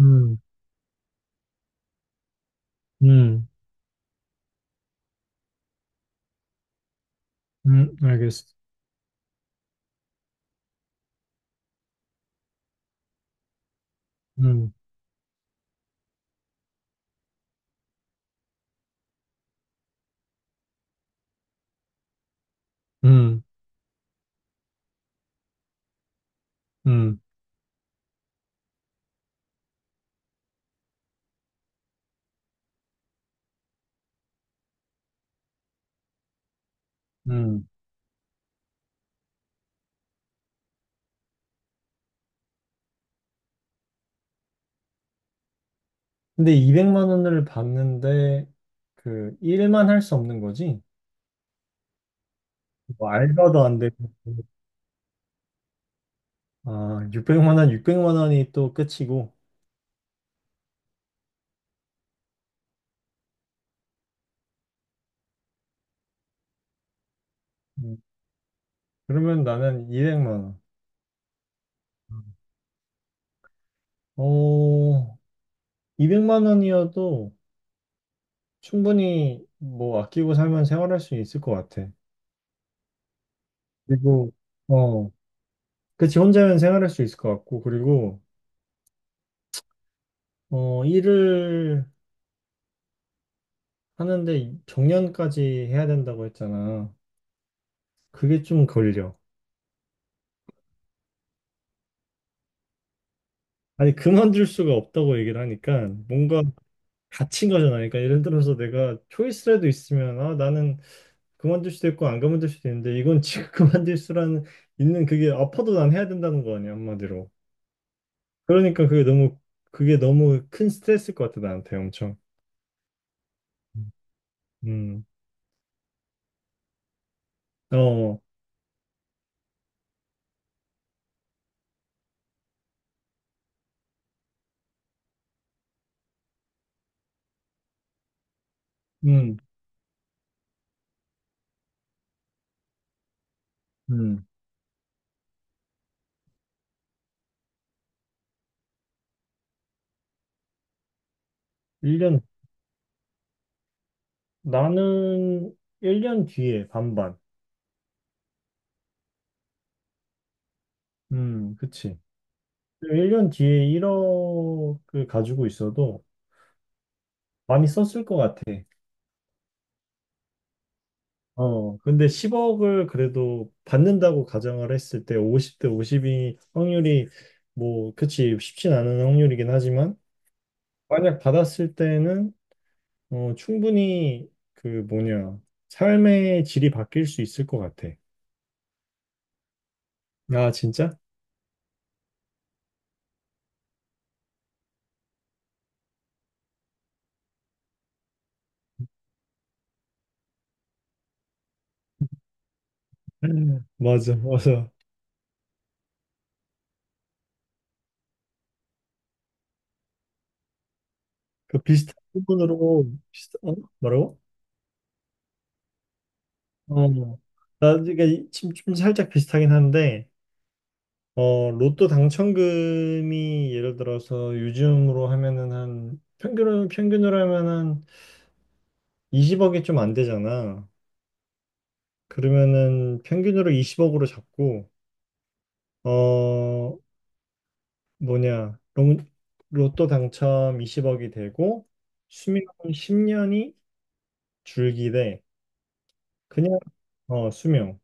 음, 음, 알겠어. 음, 음, 음, 음. 근데 200만 원을 받는데 그 일만 할 수 없는 거지? 뭐 알바도 안 되고. 아, 600만 원, 600만 원이 또 끝이고. 음, 그러면 나는 200만 원. 어, 200만 원이어도 충분히 뭐 아끼고 살면 생활할 수 있을 것 같아. 그리고, 어, 그치, 혼자면 생활할 수 있을 것 같고, 그리고, 일을 하는데 정년까지 해야 된다고 했잖아. 그게 좀 걸려. 아니, 그만둘 수가 없다고 얘기를 하니까 뭔가 갇힌 거잖아. 그러니까 예를 들어서 내가 초이스라도 있으면 아, 나는 그만둘 수도 있고 안 그만둘 수도 있는데 이건 지금 그만둘 수라는 있는 그게 아파도 난 해야 된다는 거 아니야, 한마디로. 그러니까 그게 너무 큰 스트레스일 것 같아, 나한테 엄청. 음. 어. 음. 음. 1년 나는 1년 뒤에 반반. 그치. 1년 뒤에 1억을 가지고 있어도 많이 썼을 것 같아. 근데 10억을 그래도 받는다고 가정을 했을 때 50대 50이 확률이 뭐, 그치, 쉽진 않은 확률이긴 하지만, 만약 받았을 때는, 충분히 그 뭐냐, 삶의 질이 바뀔 수 있을 것 같아. 아, 진짜? 음. 맞아, 맞아. 그 비슷한 부분으로, 비슷, 어? 뭐라고? 어, 나, 그러니까 이- 지금 좀 살짝 비슷하긴 한데, 로또 당첨금이 예를 들어서 요즘으로 하면은 한 평균으로 하면 한 20억이 좀 안 되잖아. 그러면은 평균으로 20억으로 잡고 어 뭐냐 로- 로또 당첨 20억이 되고 수명 10년이 줄기 대 그냥 수명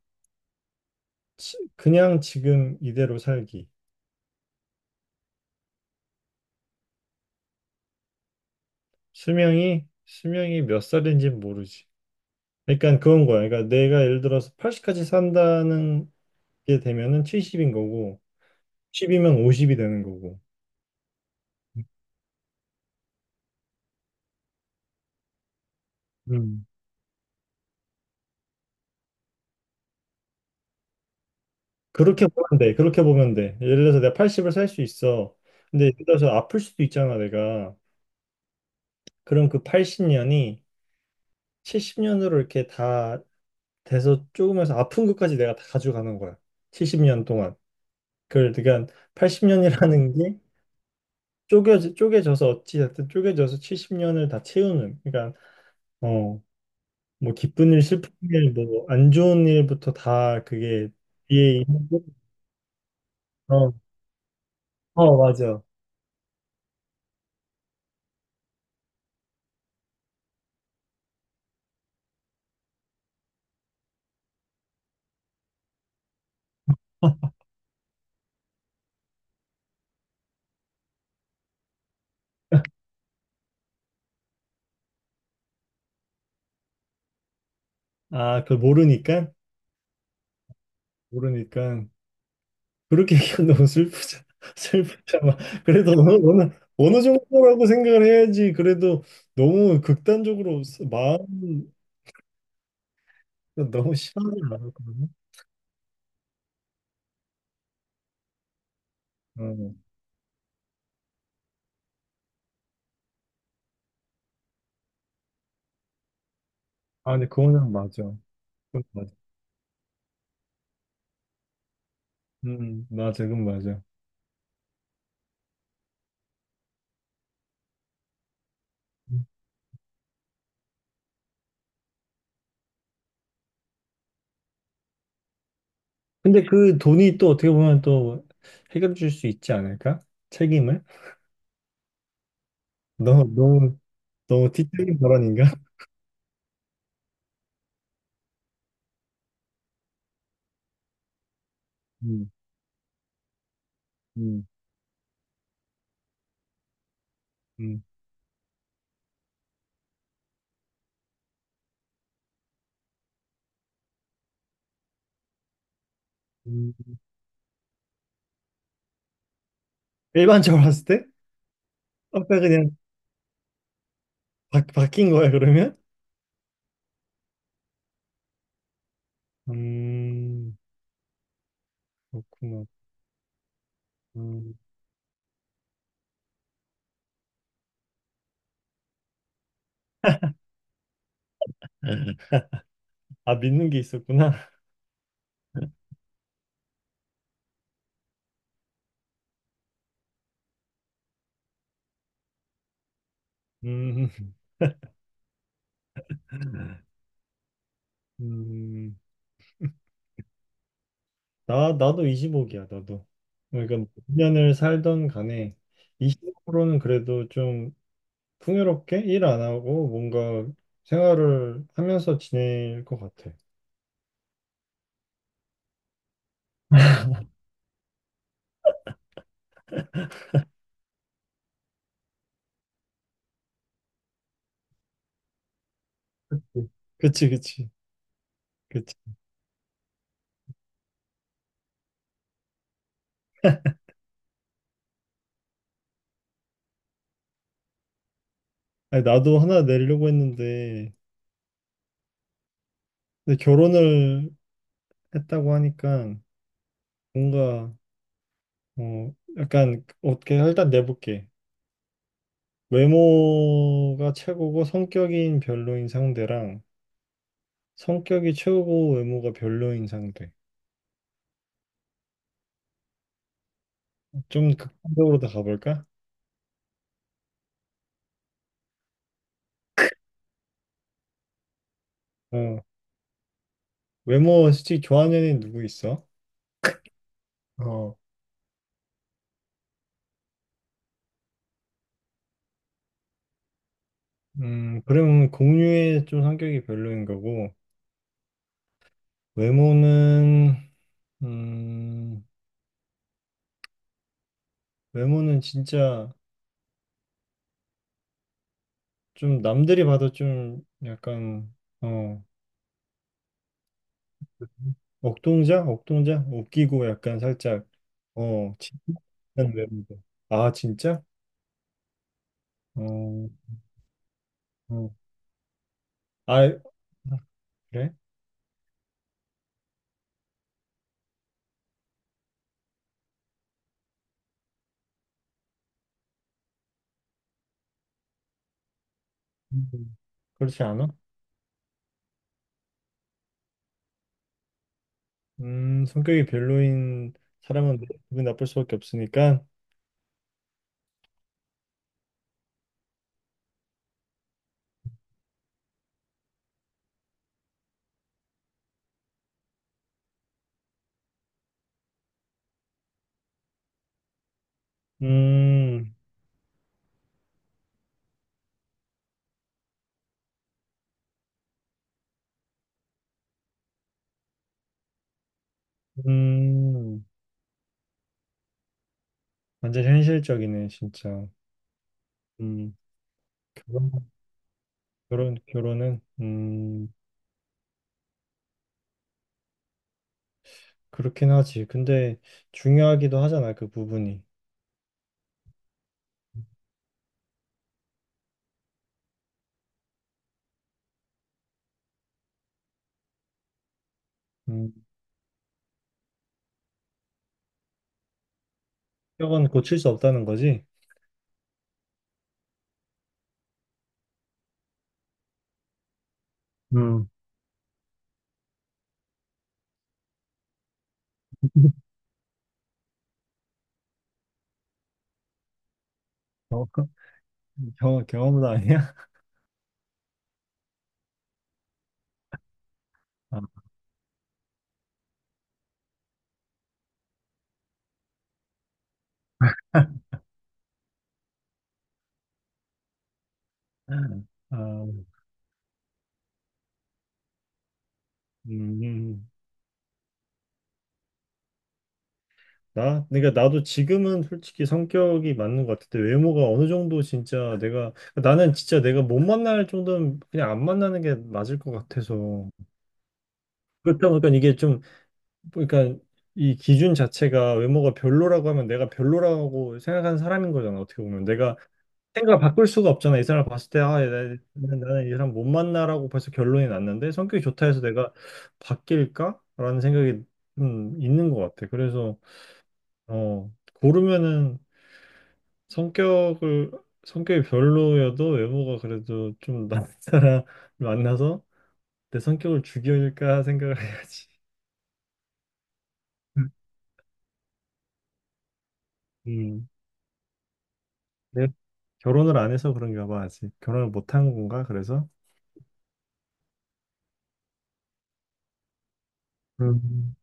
지- 그냥 지금 이대로 살기 수명이 몇 살인지 모르지. 그러니까 그건 거야. 그러니까 내가 예를 들어서 80까지 산다는 게 되면은 70인 거고, 10이면 50이 되는 거고. 음. 그렇게 보면 돼. 그렇게 보면 돼. 예를 들어서 내가 80을 살 수 있어. 근데 예를 들어서 아플 수도 있잖아, 내가. 그럼 그 80년이 70년으로 이렇게 다 돼서 조금해서 아픈 것까지 내가 다 가져가는 거야. 70년 동안. 그걸 그러니까 80년이라는 게 쪼개져서 어찌됐든 쪼개져서 70년을 다 채우는. 그러니까 어, 뭐 기쁜 일, 슬픈 일, 뭐 안 좋은 일부터 다 그게 뒤에 있는 거- 어, 어, 맞아. 아, 그걸 모르니까? 모르니까. 그렇게 얘기하면 너무 슬프잖아. 슬프잖아. 그래도 어느 정도라고 생각을 해야지. 그래도 너무 극단적으로 쓰- 마음 너무 심하게 나갔거든. 어. 아, 근데 그거는 맞아. 그건 맞아. 맞아. 그건 맞아. 근데 그 돈이 또 어떻게 보면 또 해결해 줄 수 있지 않을까? 책임을? 너무 너무 너무 티적인 발언인가? 음, 음, 음. 음. 일반적으로 봤을 때 아까 그냥 바뀐 거야 그러면? 음 그렇구나. 음. 아 믿는 게 있었구나. 음, 음. 나 나도 25기야 나도. 그러니까 몇 년을 살던 간에 25로는 그래도 좀 풍요롭게 일 안 하고 뭔가 생활을 하면서 지낼 것 같아. 그- 그치 그치 그치. 아니, 나도 하나 내려고 했는데, 근데 결혼을 했다고 하니까 뭔가, 약간, 어떻게, 일단 내볼게. 외모가 최고고 성격인 별로인 상대랑 성격이 최고고 외모가 별로인 상대. 좀 극단적으로 다 가볼까? 어, 외모 솔직히 좋아하는 애는 누구 있어? 어, 그러면 공유의 좀 성격이 별로인 거고, 외모는, 음, 외모는 진짜, 좀 남들이 봐도 좀 약간 어 억동자 억동자 웃기고 약간 살짝 진짜 외모도 아 진짜 어어아 그래 음, 그렇지 않아 성격이 별로인 사람은 뭐 기분 나쁠 수밖에 없으니까 음 음, 완전 현실적이네 진짜 음 결혼 결혼은 그렇긴 하지. 근데 중요하기도 하잖아, 그 부분이. 음, 경험은 고칠 수 없다는 거지? 음, 어, 경험도 아니야? 아, 아, 음, 나? 그러니까 나도 지금은 솔직히 성격이 맞는 것 같은데 외모가 어느 정도 진짜 내가 나는 진짜 내가 못 만날 정도면 그냥 안 만나는 게 맞을 것 같아서 그렇다 보니까 이게 좀 그러니까 이 기준 자체가 외모가 별로라고 하면 내가 별로라고 생각하는 사람인 거잖아 어떻게 보면 내가 생각을 바꿀 수가 없잖아. 이 사람 봤을 때, 아, 나는 이 사람 못 만나라고 벌써 결론이 났는데, 성격이 좋다 해서 내가 바뀔까? 라는 생각이 있는 것 같아. 그래서, 어, 고르면은 성격을, 성격이 별로여도 외모가 그래도 좀 나은 사람을 만나서 내 성격을 죽일까 생각을 해야지. 음, 내가 결혼을 안 해서 그런가 봐, 아직. 결혼을 못 한 건가, 그래서? 음.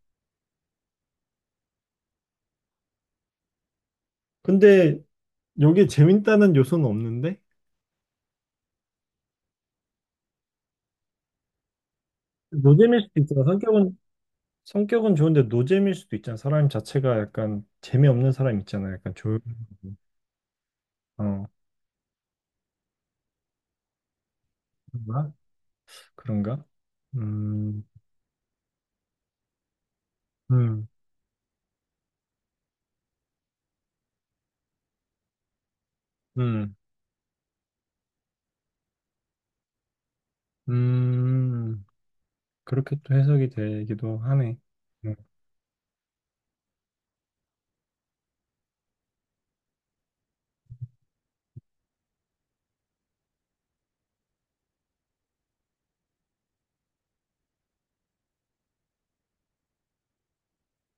근데 여기 재밌다는 요소는 없는데? 노잼일 수도 있잖아. 성격은 좋은데 노잼일 수도 있잖아. 사람 자체가 약간 재미없는 사람 있잖아. 약간 조용. 어 그런가? 그런가? 음, 음, 음, 음. 그렇게 또 해석이 되기도 하네.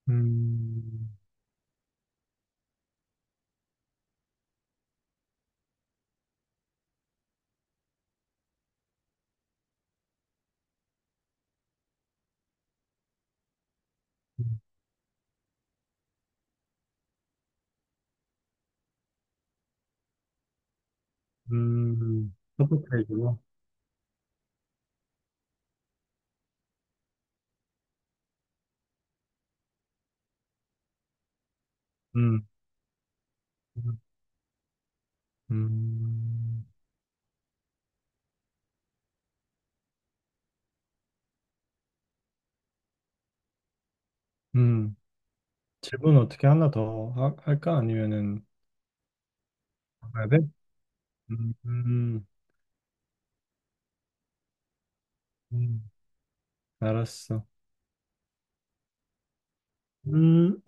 음, 서포트해주고. 음, 음, 음. 음. 질문 어떻게 하나 더 할까? 아니면은 해야 돼? 음, 음, 음. 알았어. 음.